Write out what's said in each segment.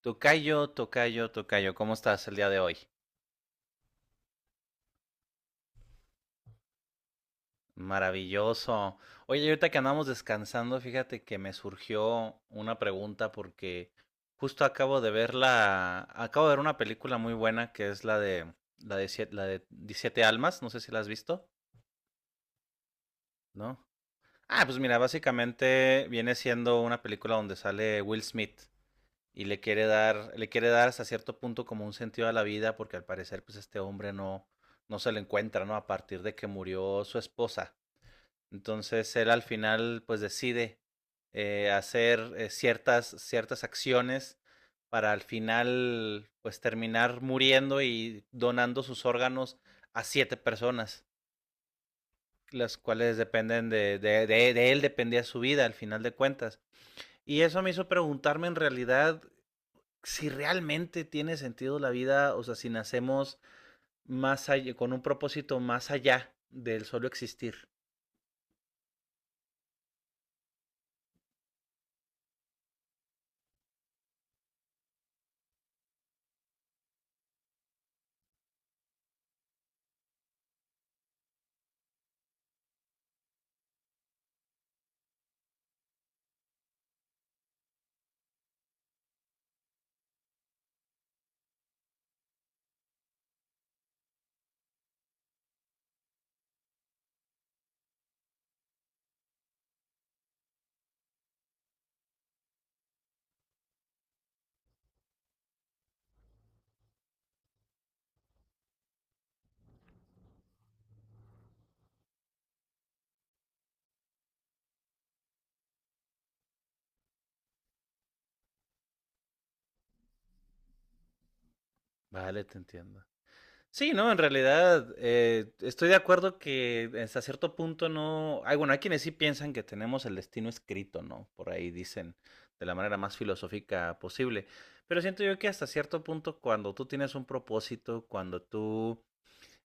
Tocayo, tocayo, tocayo, ¿cómo estás el día de hoy? Maravilloso. Oye, ahorita que andamos descansando, fíjate que me surgió una pregunta porque justo acabo de ver acabo de ver una película muy buena que es la de, siete la de 17 almas, no sé si la has visto, ¿no? Ah, pues mira, básicamente viene siendo una película donde sale Will Smith. Y le quiere dar hasta cierto punto como un sentido a la vida, porque al parecer, pues este hombre no se lo encuentra, ¿no? A partir de que murió su esposa. Entonces él al final, pues decide hacer ciertas acciones para al final, pues terminar muriendo y donando sus órganos a siete personas, las cuales dependen de él, dependía su vida al final de cuentas. Y eso me hizo preguntarme en realidad si realmente tiene sentido la vida, o sea, si nacemos más allá, con un propósito más allá del solo existir. Vale, te entiendo. Sí, no, en realidad estoy de acuerdo que hasta cierto punto no. Hay, bueno, hay quienes sí piensan que tenemos el destino escrito, ¿no? Por ahí dicen de la manera más filosófica posible. Pero siento yo que hasta cierto punto, cuando tú tienes un propósito, cuando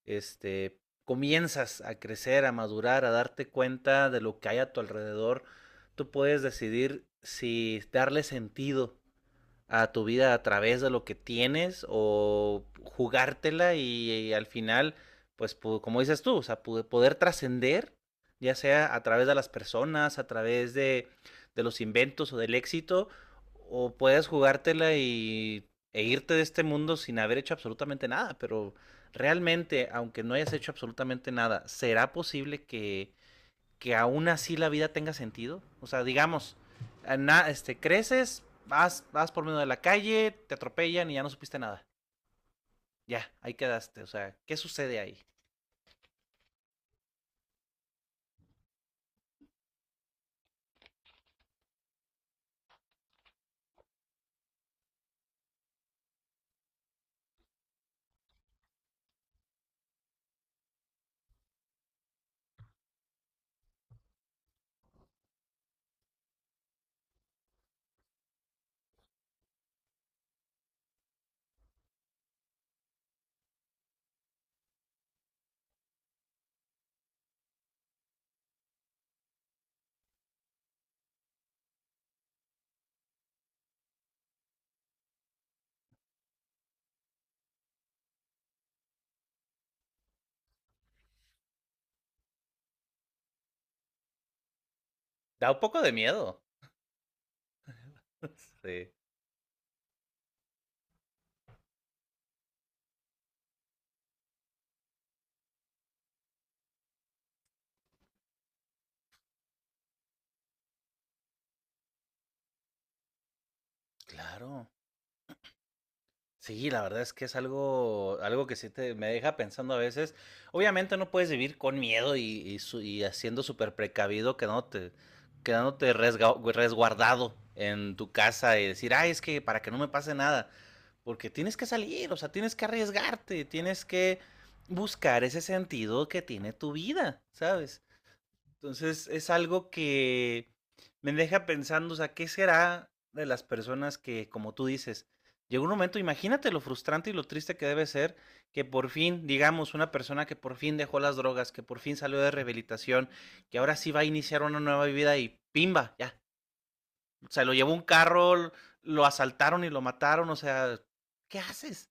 este, comienzas a crecer, a madurar, a darte cuenta de lo que hay a tu alrededor, tú puedes decidir si darle sentido a tu vida a través de lo que tienes o jugártela y al final, pues como dices tú, o sea, poder trascender, ya sea a través de las personas, de los inventos o del éxito, o puedes jugártela e irte de este mundo sin haber hecho absolutamente nada, pero realmente, aunque no hayas hecho absolutamente nada, ¿será posible que aún así la vida tenga sentido? O sea, digamos, creces, vas por medio de la calle, te atropellan y ya no supiste nada. Ya, ahí quedaste. O sea, ¿qué sucede ahí? Da un poco de miedo. Sí. Claro. Sí, la verdad es que es algo que sí me deja pensando a veces. Obviamente no puedes vivir con miedo y haciendo súper precavido, quedándote resguardado en tu casa y decir, ay, es que para que no me pase nada. Porque tienes que salir, o sea, tienes que arriesgarte, tienes que buscar ese sentido que tiene tu vida, ¿sabes? Entonces es algo que me deja pensando, o sea, ¿qué será de las personas que, como tú dices, llega un momento, imagínate lo frustrante y lo triste que debe ser que por fin, digamos, una persona que por fin dejó las drogas, que por fin salió de rehabilitación, que ahora sí va a iniciar una nueva vida y pimba, ya. O sea, lo llevó un carro, lo asaltaron y lo mataron, o sea, ¿qué haces?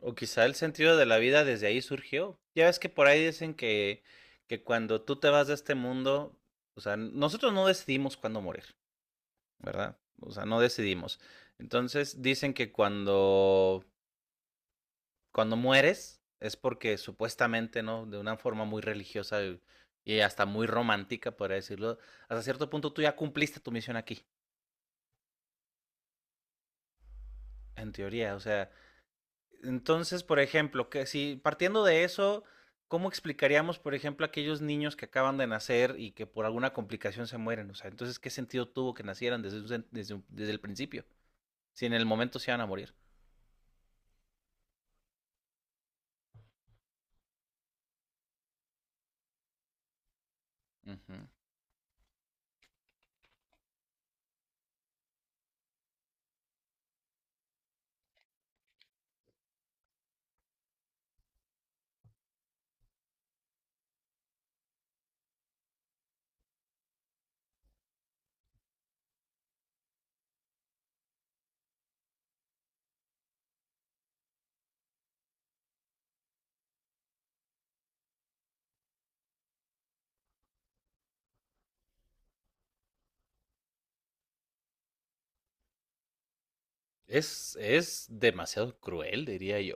O quizá el sentido de la vida desde ahí surgió. Ya ves que por ahí dicen que cuando tú te vas de este mundo, o sea, nosotros no decidimos cuándo morir, ¿verdad? O sea, no decidimos. Entonces dicen que cuando mueres es porque supuestamente, ¿no? De una forma muy religiosa y hasta muy romántica, podría decirlo, hasta cierto punto tú ya cumpliste tu misión aquí, en teoría. O sea, entonces, por ejemplo, que si partiendo de eso, ¿cómo explicaríamos, por ejemplo, a aquellos niños que acaban de nacer y que por alguna complicación se mueren? O sea, entonces, ¿qué sentido tuvo que nacieran desde el principio? Si en el momento se iban a morir. Ujú. Es demasiado cruel, diría yo.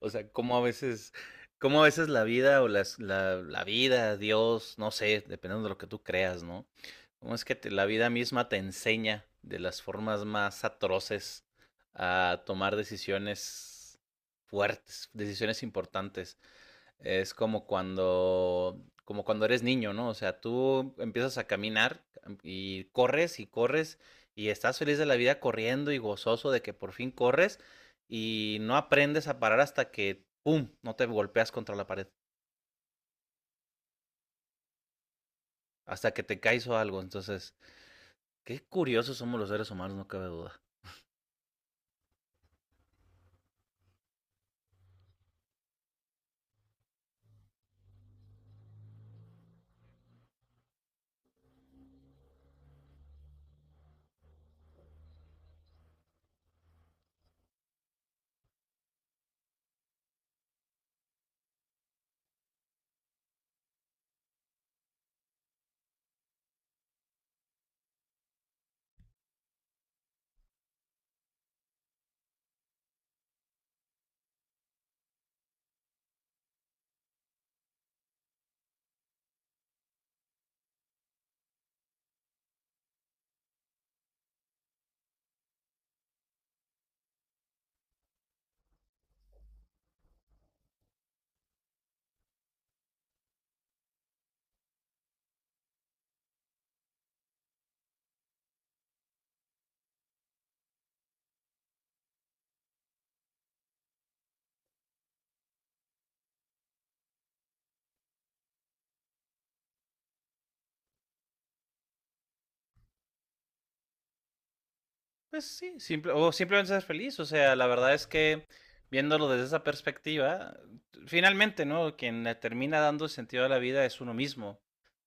O sea, cómo a veces la vida la vida, Dios, no sé, dependiendo de lo que tú creas, ¿no? Cómo es que la vida misma te enseña de las formas más atroces a tomar decisiones fuertes, decisiones importantes. Es como como cuando eres niño, ¿no? O sea, tú empiezas a caminar y corres y corres y estás feliz de la vida corriendo y gozoso de que por fin corres y no aprendes a parar hasta que, ¡pum!, no te golpeas contra la pared, hasta que te caes o algo. Entonces, qué curiosos somos los seres humanos, no cabe duda. Pues sí, simple, o simplemente ser feliz. O sea, la verdad es que viéndolo desde esa perspectiva, finalmente, ¿no? Quien le termina dando el sentido a la vida es uno mismo.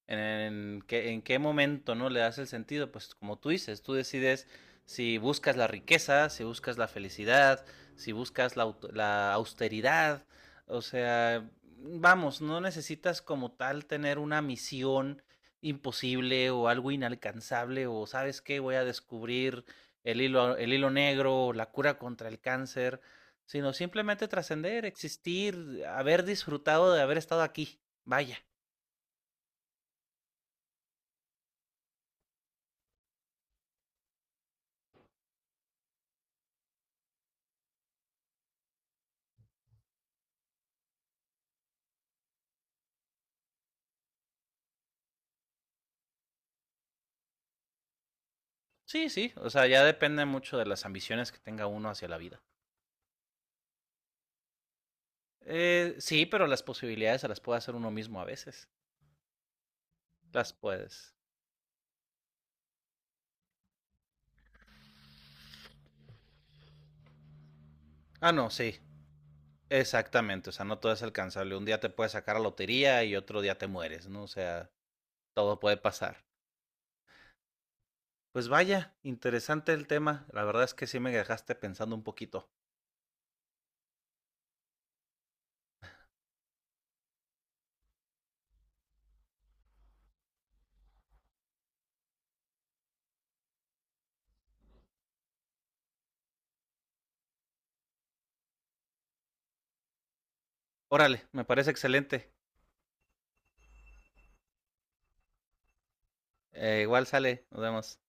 En, en qué momento, ¿no? Le das el sentido. Pues como tú dices, tú decides si buscas la riqueza, si buscas la felicidad, si buscas la austeridad. O sea, vamos, no necesitas como tal tener una misión imposible o algo inalcanzable o sabes qué, voy a descubrir el hilo negro, la cura contra el cáncer, sino simplemente trascender, existir, haber disfrutado de haber estado aquí. Vaya. Sí, sí, o sea, ya depende mucho de las ambiciones que tenga uno hacia la vida. Sí, pero las posibilidades se las puede hacer uno mismo a veces. Las puedes. Ah, no, sí, exactamente, o sea, no todo es alcanzable. Un día te puedes sacar a la lotería y otro día te mueres, ¿no? O sea, todo puede pasar. Pues vaya, interesante el tema. La verdad es que sí me dejaste pensando un poquito. Órale, me parece excelente. Igual sale, nos vemos.